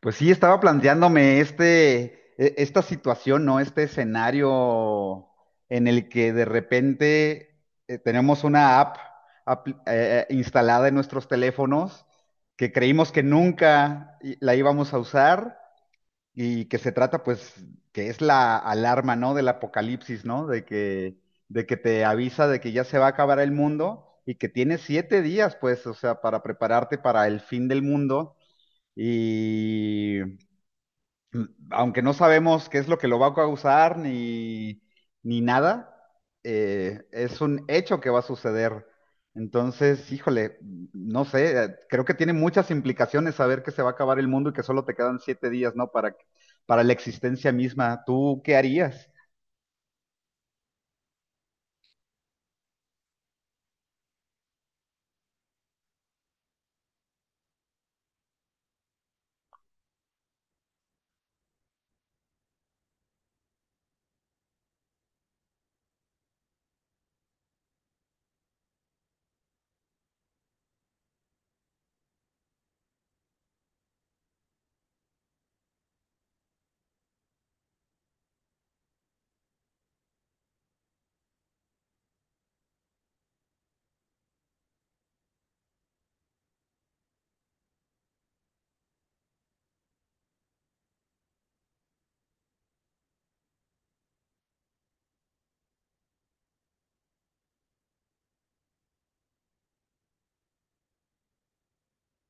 Pues sí, estaba planteándome esta situación, ¿no? Este escenario en el que de repente tenemos una app, instalada en nuestros teléfonos que creímos que nunca la íbamos a usar y que se trata, pues, que es la alarma, ¿no? Del apocalipsis, ¿no? De que te avisa de que ya se va a acabar el mundo y que tienes 7 días, pues, o sea, para prepararte para el fin del mundo. Y aunque no sabemos qué es lo que lo va a causar ni nada, es un hecho que va a suceder. Entonces, híjole, no sé, creo que tiene muchas implicaciones saber que se va a acabar el mundo y que solo te quedan 7 días, ¿no? Para la existencia misma. ¿Tú qué harías?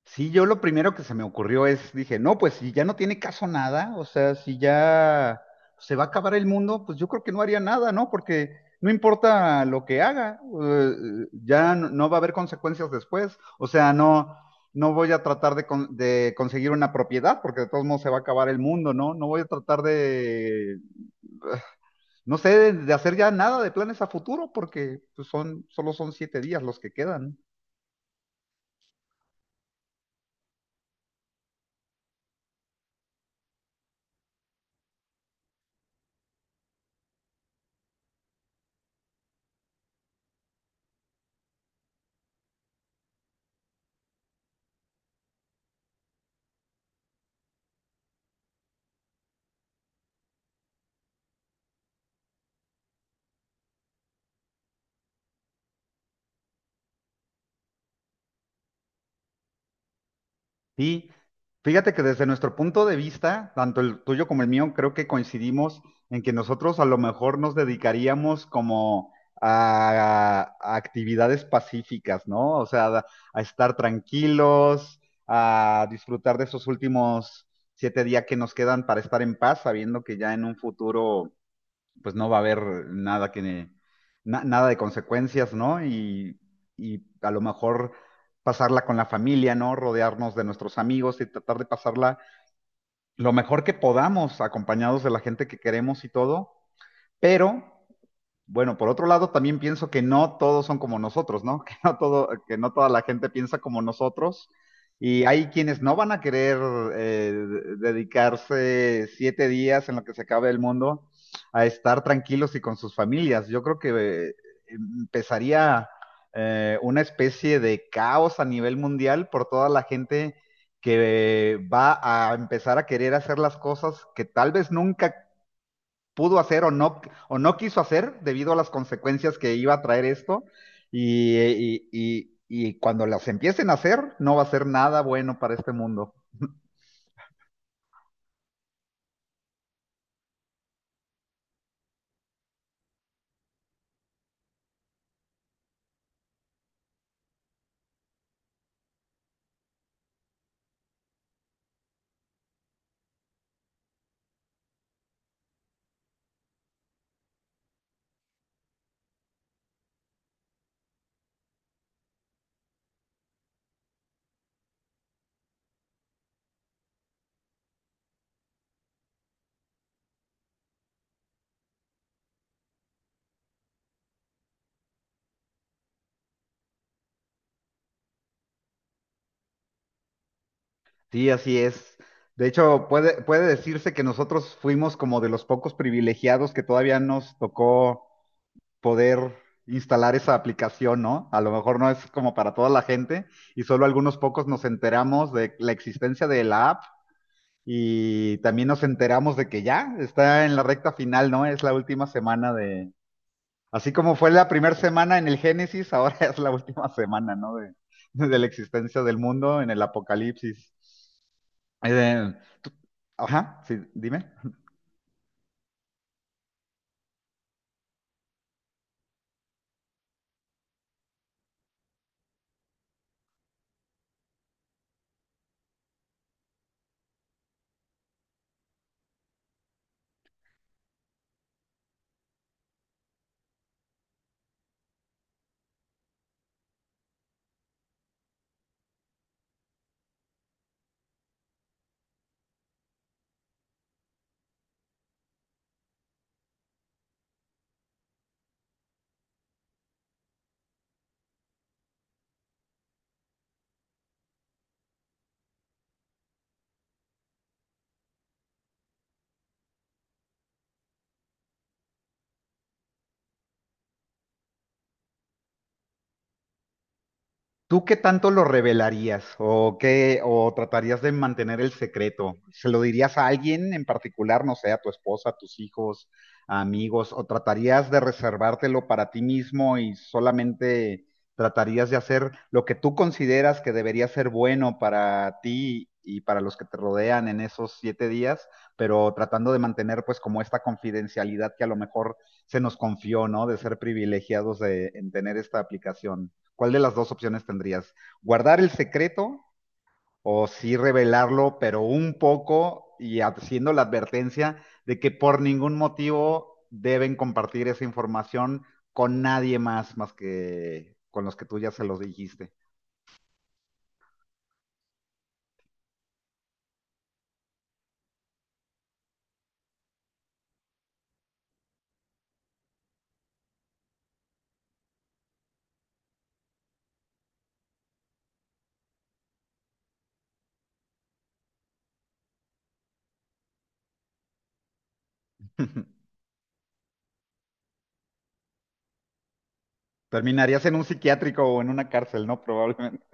Sí, yo lo primero que se me ocurrió es, dije, no, pues si ya no tiene caso nada, o sea, si ya se va a acabar el mundo, pues yo creo que no haría nada, ¿no? Porque no importa lo que haga, ya no, no va a haber consecuencias después, o sea, no, no voy a tratar de conseguir una propiedad, porque de todos modos se va a acabar el mundo, ¿no? No voy a tratar de, no sé, de hacer ya nada de planes a futuro, porque pues, solo son 7 días los que quedan, ¿no? Sí, fíjate que desde nuestro punto de vista, tanto el tuyo como el mío, creo que coincidimos en que nosotros a lo mejor nos dedicaríamos como a actividades pacíficas, ¿no? O sea, a estar tranquilos, a disfrutar de esos últimos 7 días que nos quedan para estar en paz, sabiendo que ya en un futuro pues no va a haber nada que, na- nada de consecuencias, ¿no? Y a lo mejor pasarla con la familia, ¿no? Rodearnos de nuestros amigos y tratar de pasarla lo mejor que podamos, acompañados de la gente que queremos y todo, pero bueno, por otro lado, también pienso que no todos son como nosotros, ¿no? Que no toda la gente piensa como nosotros. Y hay quienes no van a querer dedicarse 7 días en lo que se acabe el mundo a estar tranquilos y con sus familias. Yo creo que eh, empezaría una especie de caos a nivel mundial por toda la gente que va a empezar a querer hacer las cosas que tal vez nunca pudo hacer o no quiso hacer debido a las consecuencias que iba a traer esto. Y cuando las empiecen a hacer, no va a ser nada bueno para este mundo. Sí, así es. De hecho, puede decirse que nosotros fuimos como de los pocos privilegiados que todavía nos tocó poder instalar esa aplicación, ¿no? A lo mejor no es como para toda la gente y solo algunos pocos nos enteramos de la existencia de la app. Y también nos enteramos de que ya está en la recta final, ¿no? Es la última semana de... Así como fue la primera semana en el Génesis, ahora es la última semana, ¿no? De la existencia del mundo en el Apocalipsis. Eh, tú- Ajá, sí, dime. ¿Tú qué tanto lo revelarías o qué o tratarías de mantener el secreto? ¿Se lo dirías a alguien en particular, no sé, a tu esposa, a tus hijos, a amigos, o tratarías de reservártelo para ti mismo y solamente tratarías de hacer lo que tú consideras que debería ser bueno para ti y para los que te rodean en esos 7 días, pero tratando de mantener pues como esta confidencialidad que a lo mejor se nos confió, ¿no? De ser privilegiados de, en tener esta aplicación. ¿Cuál de las dos opciones tendrías? ¿Guardar el secreto o sí revelarlo, pero un poco y haciendo la advertencia de que por ningún motivo deben compartir esa información con nadie más, más que con los que tú ya se los dijiste? Terminarías en un psiquiátrico o en una cárcel, ¿no? Probablemente.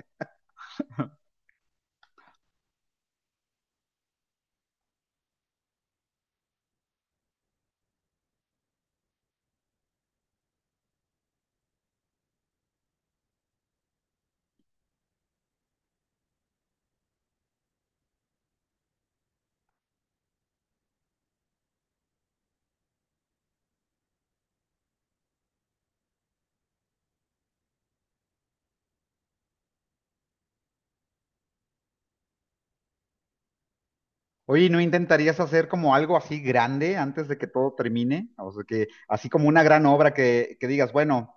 Oye, ¿no intentarías hacer como algo así grande antes de que todo termine? O sea, que así como una gran obra que digas, bueno,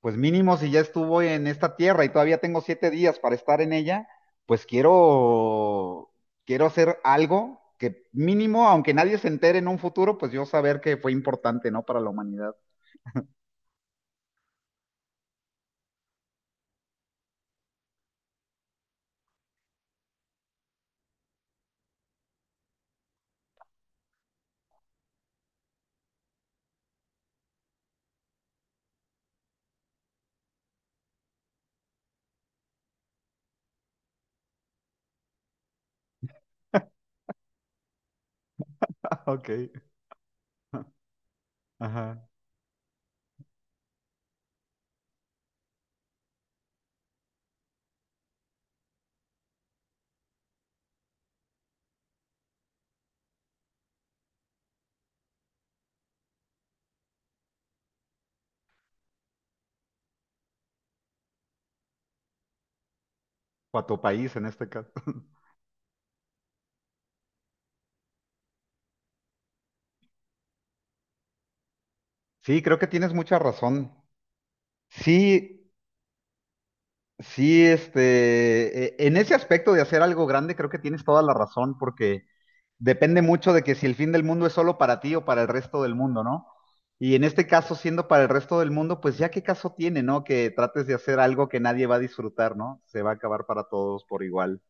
pues mínimo si ya estuvo en esta tierra y todavía tengo 7 días para estar en ella, pues quiero, quiero hacer algo que mínimo, aunque nadie se entere en un futuro, pues yo saber que fue importante, ¿no? Para la humanidad. Ok, ajá. O a tu país en este caso. Sí, creo que tienes mucha razón. Sí, sí, en ese aspecto de hacer algo grande, creo que tienes toda la razón, porque depende mucho de que si el fin del mundo es solo para ti o para el resto del mundo, ¿no? Y en este caso, siendo para el resto del mundo, pues ya qué caso tiene, ¿no? Que trates de hacer algo que nadie va a disfrutar, ¿no? Se va a acabar para todos por igual.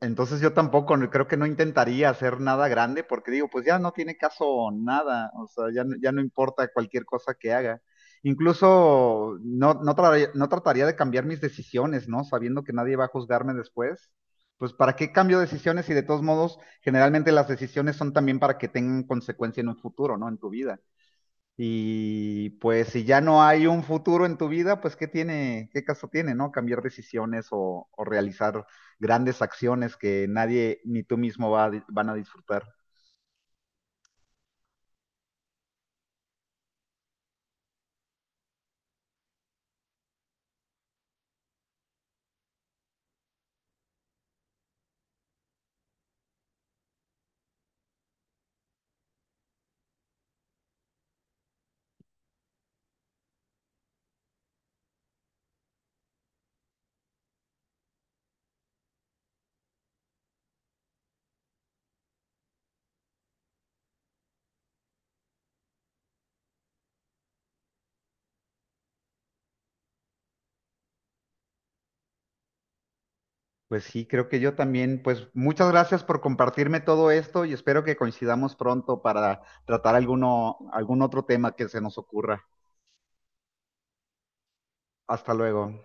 Entonces yo tampoco, no- creo que no intentaría hacer nada grande porque digo, pues ya no tiene caso nada, o sea, ya, no- ya no importa cualquier cosa que haga. Incluso no, no, no trataría de cambiar mis decisiones, ¿no? Sabiendo que nadie va a juzgarme después. Pues ¿para qué cambio decisiones si de todos modos generalmente las decisiones son también para que tengan consecuencia en un futuro, ¿no? En tu vida. Y pues si ya no hay un futuro en tu vida, pues ¿qué tiene, qué caso tiene, ¿no? Cambiar decisiones o realizar grandes acciones que nadie ni tú mismo van a disfrutar. Pues sí, creo que yo también, pues muchas gracias por compartirme todo esto y espero que coincidamos pronto para tratar algún otro tema que se nos ocurra. Hasta luego.